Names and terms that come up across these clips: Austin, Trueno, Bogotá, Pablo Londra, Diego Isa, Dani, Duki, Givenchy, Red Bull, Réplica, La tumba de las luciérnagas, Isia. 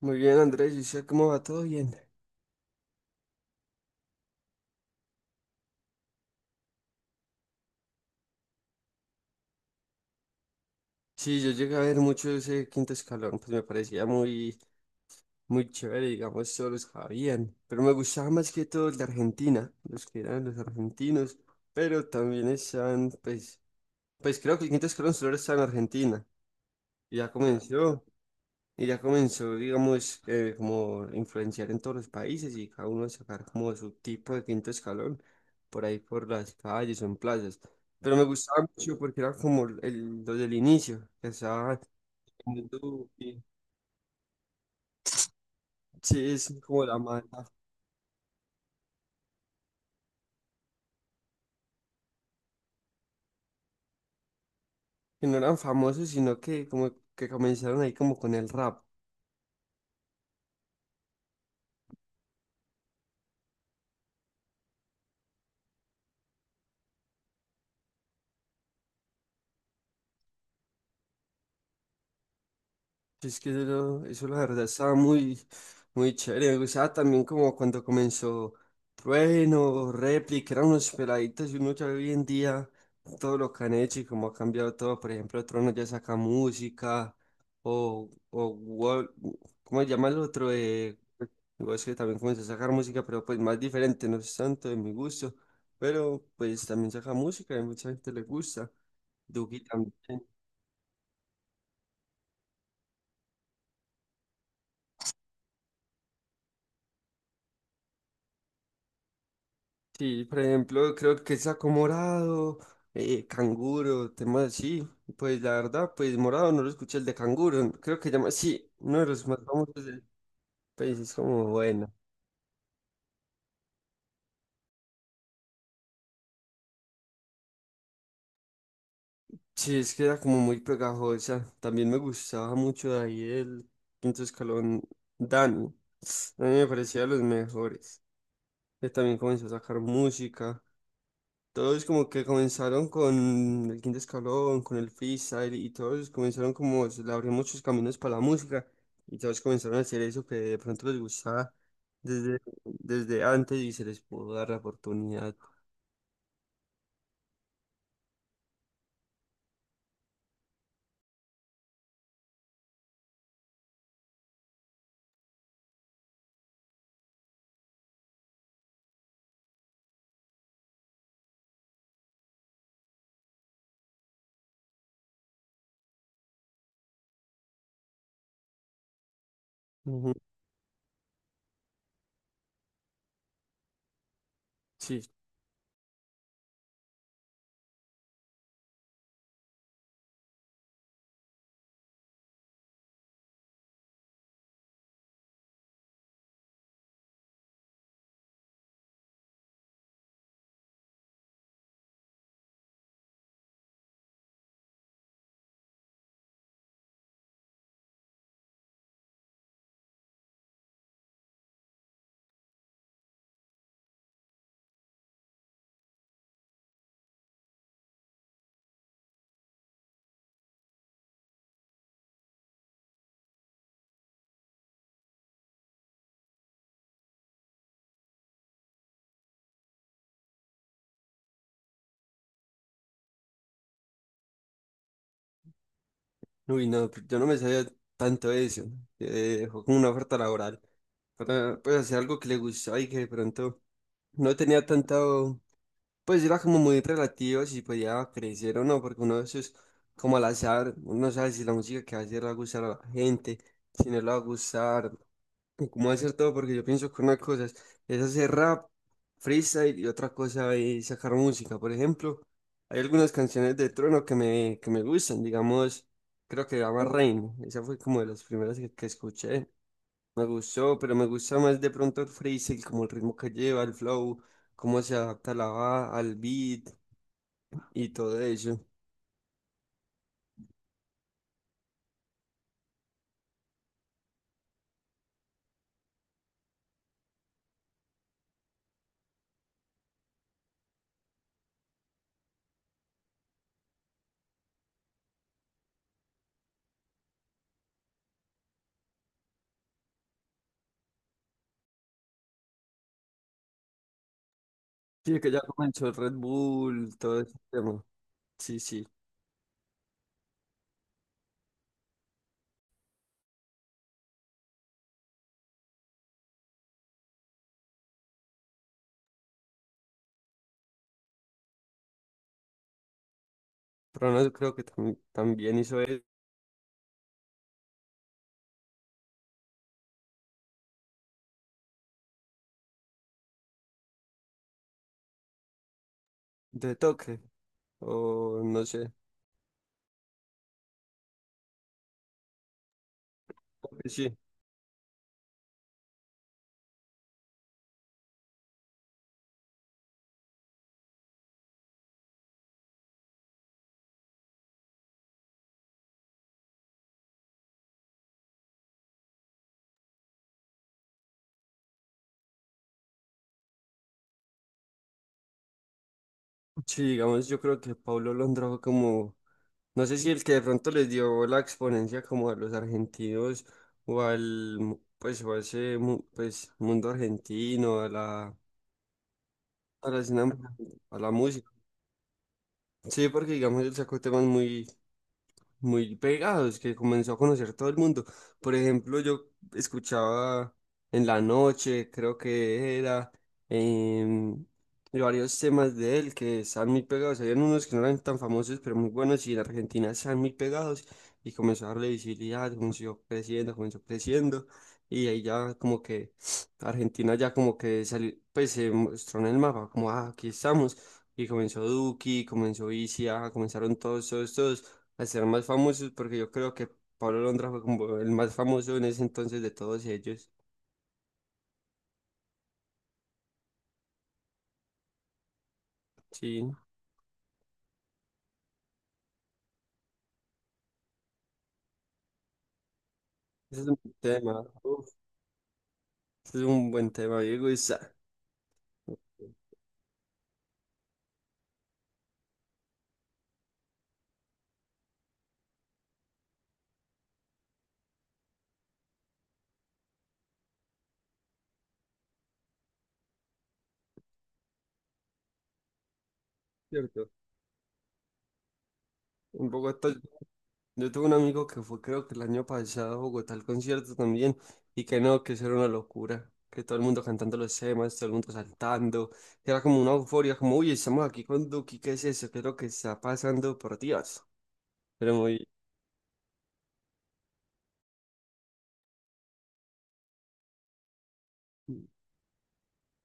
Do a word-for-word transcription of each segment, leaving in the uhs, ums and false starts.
Muy bien, Andrés, ¿y usted cómo va? ¿Todo bien? Sí, yo llegué a ver mucho ese quinto escalón, pues me parecía muy, muy chévere, digamos, todos los que habían, pero me gustaba más que todo el de Argentina, los que eran los argentinos, pero también están, pues, pues creo que el quinto escalón solo está en Argentina, y ya comenzó, Y ya comenzó, digamos, eh, como influenciar en todos los países y cada uno a sacar como su tipo de quinto escalón por ahí por las calles o en plazas. Pero me gustaba mucho porque era como el, lo del inicio, que estaba en YouTube y sí, es como la mala, que no eran famosos, sino que como que comenzaron ahí como con el rap. Es que eso, eso la verdad estaba muy, muy chévere. Me gustaba también como cuando comenzó Trueno, Réplica, eran unos peladitos y uno ya hoy en día todo lo que han hecho y cómo ha cambiado todo. Por ejemplo, Trueno ya saca música o, o Wol- ¿cómo se llama el otro? Eh, es que también comenzó a sacar música, pero pues más diferente, no es tanto de mi gusto. Pero pues también saca música y mucha gente le gusta. Duki también. Sí, por ejemplo, creo que saco morado, eh, canguro, temas así. Pues la verdad, pues morado no lo escuché el de canguro. Creo que llama, sí, uno de los más famosos del país es como bueno. Sí, es que era como muy pegajosa. También me gustaba mucho de ahí el quinto escalón Dani. A mí me parecía de los mejores. Él también comenzó a sacar música. Todos como que comenzaron con el quinto escalón, con el freestyle y todos comenzaron como se le abrió muchos caminos para la música y todos comenzaron a hacer eso que de pronto les gustaba desde, desde antes y se les pudo dar la oportunidad. Ujú. Sí, uy, no, pues, yo no me sabía tanto eso, eh, fue como una oferta laboral para pues hacer algo que le gustaba y que de pronto no tenía tanta pues era como muy relativo si podía crecer o no, porque uno de esos, como al azar, uno no sabe si la música que va a hacer le va a gustar a la gente, si no le va a gustar, y cómo hacer todo, porque yo pienso que una cosa es es hacer rap, freestyle, y otra cosa es sacar música. Por ejemplo, hay algunas canciones de Trono que me, que me gustan, digamos, creo que se llama Rain, esa fue como de las primeras que, que escuché, me gustó, pero me gusta más de pronto el freestyle, como el ritmo que lleva, el flow cómo se adapta la va al beat, y todo eso. Sí, que ya comenzó el Red Bull, todo ese tema. Sí, sí. Pero no creo que tam- también hizo el de toque, o no sé. Creo Sí, sí, digamos, yo creo que Pablo Londra fue como, no sé si el que de pronto les dio la exponencia como a los argentinos o al, mu- pues, o a ese, mu- pues, mundo argentino, a la, a la escena, a la música. Sí, porque digamos, él sacó temas muy muy pegados, que comenzó a conocer todo el mundo. Por ejemplo, yo escuchaba en la noche, creo que era, em, y varios temas de él que están muy pegados. Habían unos que no eran tan famosos, pero muy buenos, y en Argentina están muy pegados. Y comenzó a darle visibilidad, comenzó creciendo, comenzó creciendo. Y ahí ya como que Argentina ya como que salió, pues se mostró en el mapa, como, ah, aquí estamos. Y comenzó Duki, comenzó Isia, comenzaron todos, todos, todos a ser más famosos, porque yo creo que Pablo Londra fue como el más famoso en ese entonces de todos ellos. Sí, ese es un buen tema. Uf, ese es un buen tema, Diego Isa, ¿cierto? En Bogotá, yo tuve un amigo que fue, creo que el año pasado, a Bogotá al concierto también, y que no, que eso era una locura. Que todo el mundo cantando los temas, todo el mundo saltando. Era como una euforia, como, uy, estamos aquí con Duki, ¿qué es eso? ¿Qué es lo que está pasando? Por Dios. Pero muy.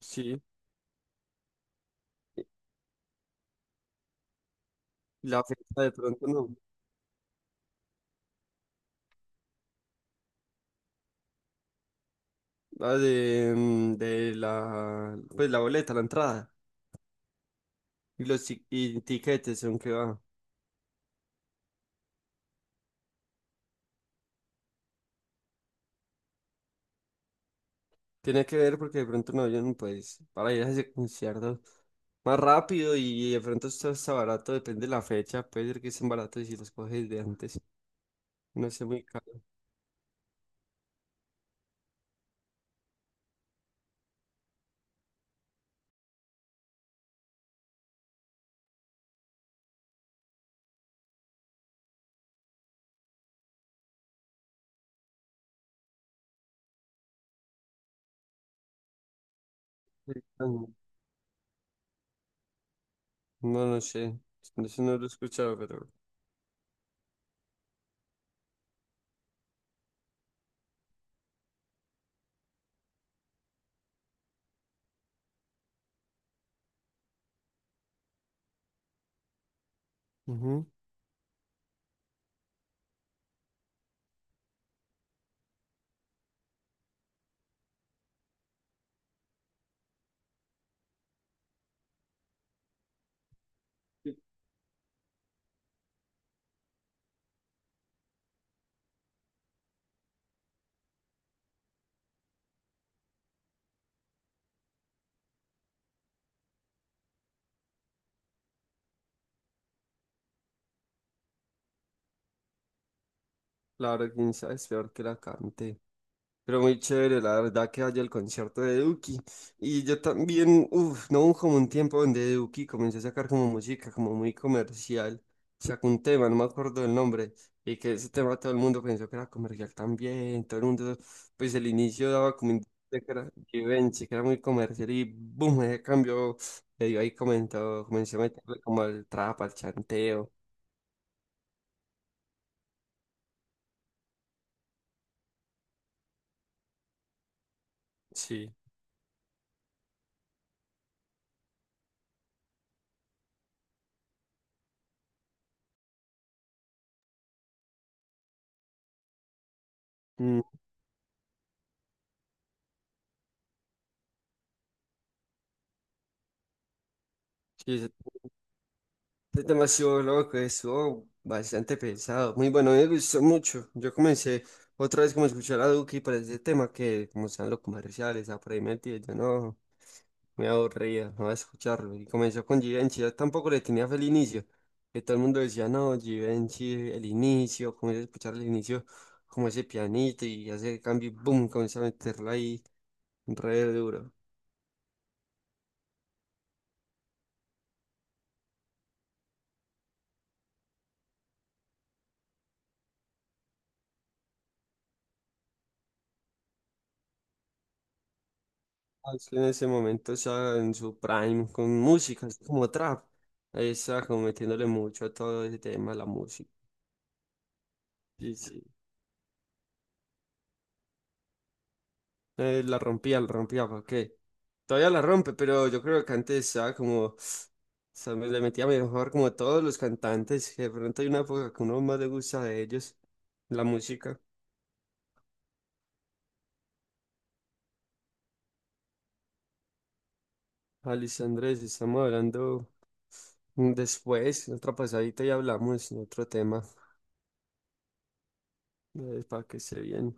Sí, la fiesta de pronto no. Ah, de, mm, de la, pues la boleta, la entrada y los ti- y tiquetes, aunque va. Tiene que ver porque de pronto un avión, pues, para ir a ese concierto más rápido y de pronto esto está barato, depende de la fecha, puede ser que estén baratos y si los coges de antes. No sé, muy caro. Sí, tan- No, no sé, no sé, no lo he escuchado, pero... Ujú. Sí. Claro, quién sabe, es peor que la cante. Pero muy chévere, la verdad que vaya el concierto de Duki. Y yo también, uff, no hubo como un tiempo donde Duki comenzó a sacar como música, como muy comercial. Sacó un tema, no me acuerdo del nombre. Y que ese tema todo el mundo pensó que era comercial también. Todo el mundo, pues el inicio daba como un que era Givenchy, que era muy comercial. Y boom, ese cambio medio ahí comentó, comenzó a meterle como al trap, al chanteo. Sí. Mm, sí, es demasiado loco, estuvo bastante pesado. Muy bueno, a mí me gustó mucho. Yo comencé otra vez como a escuchar a Duki para ese tema que como están los comerciales, a por ahí metido, yo no me aburría, no a escucharlo. Y comenzó con Givenchy, yo tampoco le tenía feliz inicio, que todo el mundo decía, no, Givenchy, el inicio, comencé a escuchar el inicio, como ese pianito y hace el cambio y boom, comenzó a meterlo ahí re duro. Austin en ese momento estaba en su prime con música, así como trap. Ahí estaba como metiéndole mucho a todo ese tema, la música. Y sí, eh, la rompía, la rompía, ¿para qué? Todavía la rompe, pero yo creo que antes estaba como, o sea, me le metía mejor como a todos los cantantes, que de pronto hay una época que uno más le gusta de ellos, la música. Alice Andrés, estamos hablando después, otra pasadita y hablamos de otro tema, eh, para que se bien.